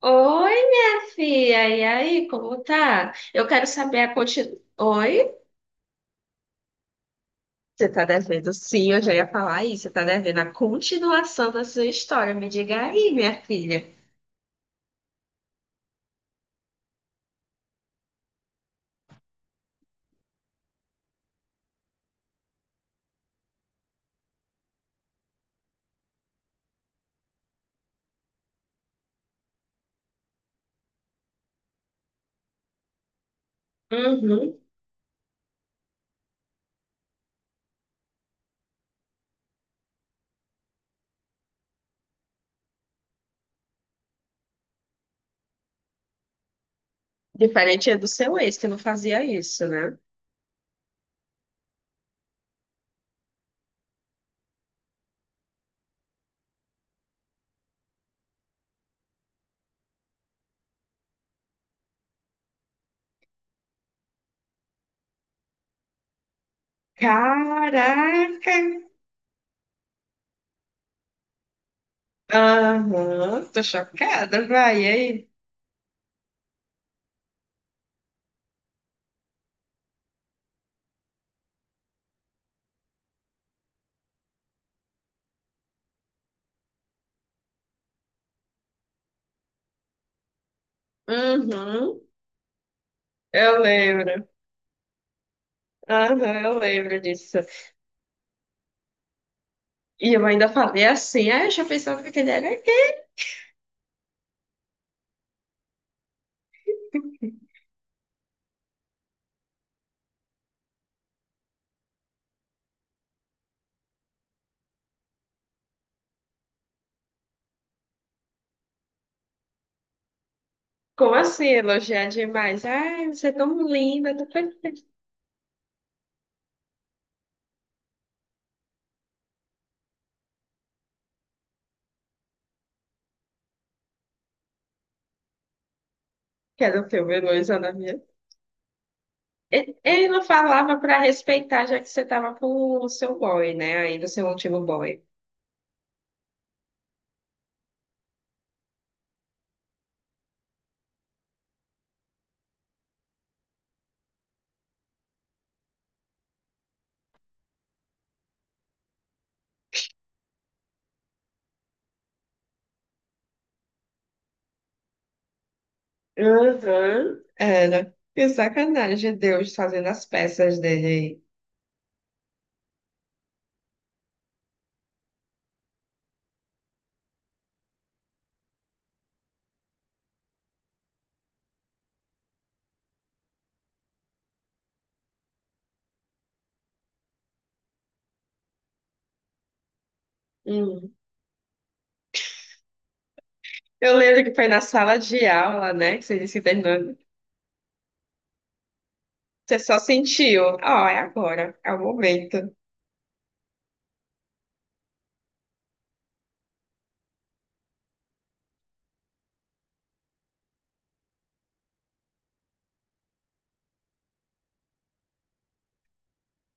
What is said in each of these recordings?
Oi, minha filha, e aí, como tá? Eu quero saber a continuação. Oi? Você tá devendo? Sim, eu já ia falar isso. Você tá devendo a continuação da sua história. Me diga aí, minha filha. Uhum. Diferente do seu ex, que não fazia isso, né? Caraca! Aham, tô chocada, vai, e aí? Uhum, eu lembro. Aham, eu lembro disso. E eu ainda falei assim, ah, eu já pensava que ele era gay. Como assim elogiar demais? Ai, você é tão linda, tão perfeita. Que era o filme elogiando a minha. Ele não falava pra respeitar, já que você tava com o seu boy, né? Ainda o seu último boy. Uhum. Era. Que sacanagem, Deus fazendo as peças dele. Aí. Hum. Eu lembro que foi na sala de aula, né? Que você disse que terminou. Você só sentiu. Ó, é agora, é o momento.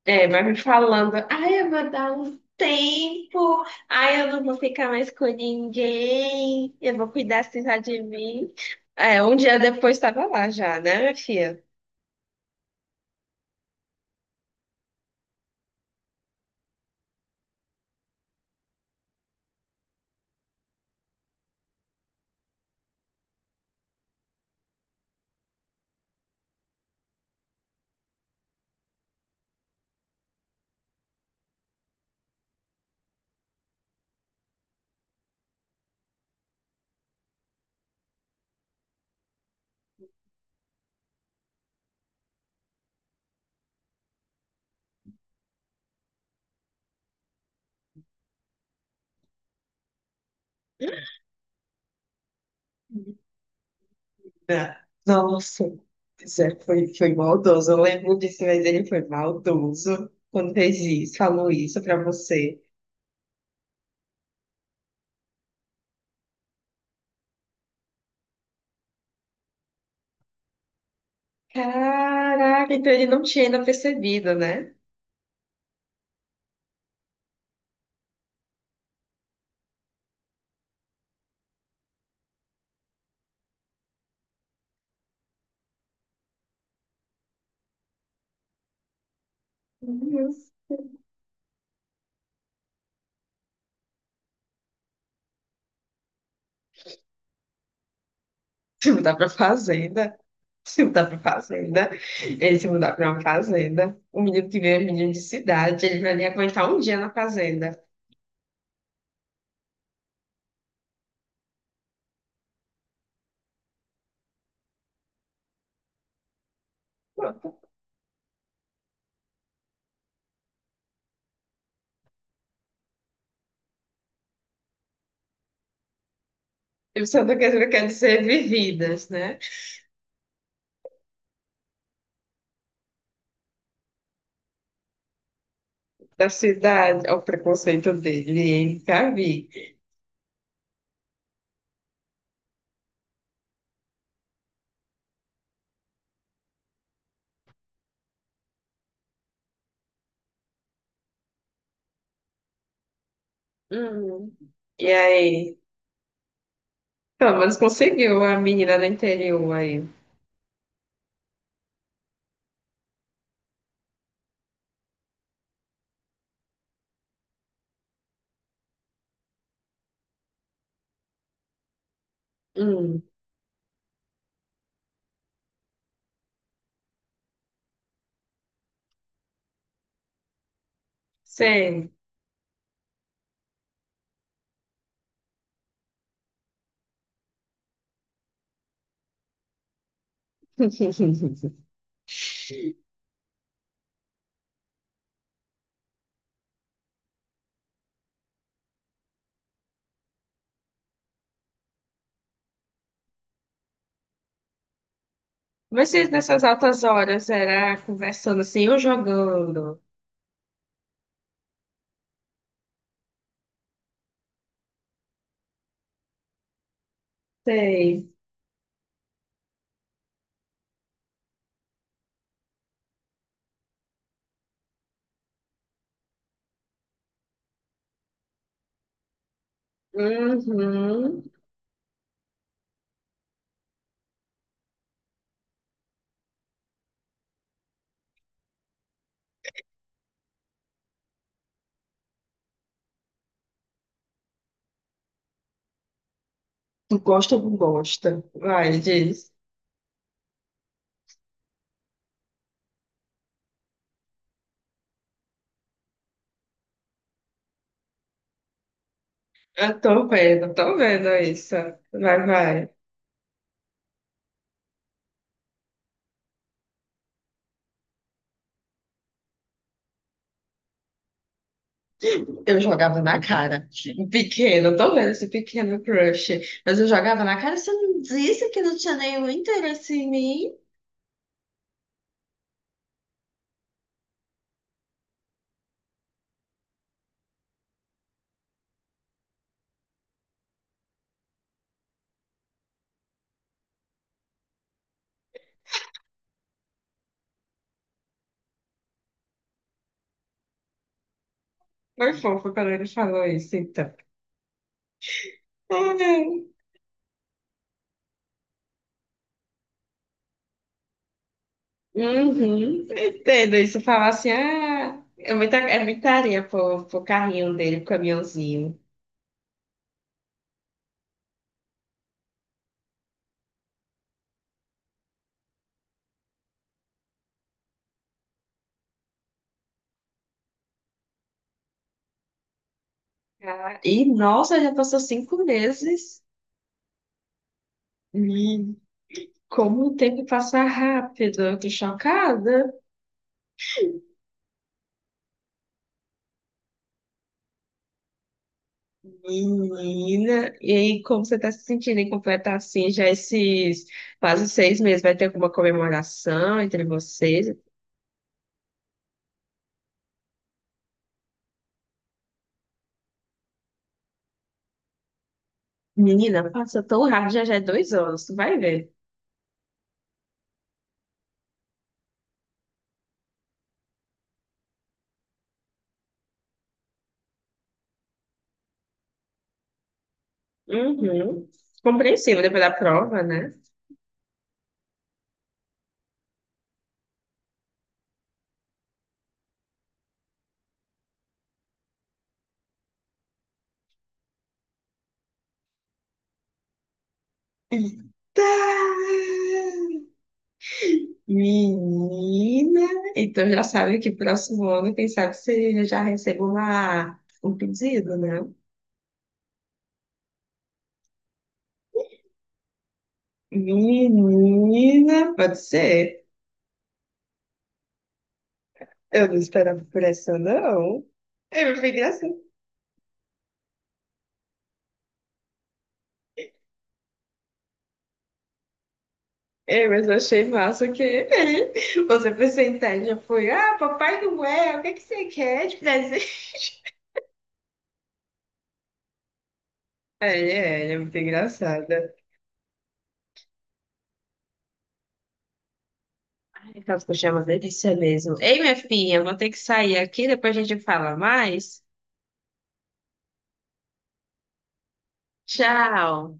É, mas me falando, ai, eu vou dar um tempo, ai, eu não vou ficar mais com ninguém, eu vou cuidar assim só de mim. É, um dia depois estava lá já, né, minha filha? Não. Nossa, Zé foi, foi maldoso. Eu lembro disso, mas ele foi maldoso quando fez isso, falou isso pra você. Caraca, então ele não tinha ainda percebido, né? Uhum. Você mudar pra fazenda. Se mudar pra fazenda. Ele se mudar pra uma fazenda. O menino que veio é um menino de cidade, ele vai nem aguentar um dia na fazenda. Pronto. E o Santa Catarina quer dizer vividas, né? Da cidade, ao preconceito dele, hein? Já vi. Hum. E aí, pelo menos conseguiu a menina do interior aí. Hum, sei. Mas vocês nessas altas horas era conversando assim ou jogando? Sei. Uhum. Gosta ou não gosta? Vai, diz. Eu tô vendo isso. Vai, vai. Eu jogava na cara. Um pequeno, tô vendo esse pequeno crush. Mas eu jogava na cara, você não disse que não tinha nenhum interesse em mim? Foi fofo quando ele falou isso, então. Ai. Uhum. Entendo isso. Falar assim, ah, é muita areia pro, pro carrinho dele, pro caminhãozinho. Ah, e, nossa, já passou 5 meses. Como o tempo passa rápido, eu tô chocada. Menina, e aí, como você tá se sentindo em completar assim já esses quase 6 meses? Vai ter alguma comemoração entre vocês? Menina, passa tão rápido, já já é 2 anos, tu vai ver. Uhum. Compreensível depois da prova, né? Tá. Menina, então já sabe que próximo ano, quem sabe você já recebe uma, um pedido, né? Menina, pode ser. Eu não esperava por essa, não. Eu fiquei assim. É, mas eu achei massa que você foi sentar e já foi. Ah, Papai Noel, o que que você quer de presente? É, é, ele é muito engraçada. Ai, aquelas coxinhas é uma delícia mesmo. Ei, minha filha, eu vou ter que sair aqui, depois a gente fala mais. Tchau.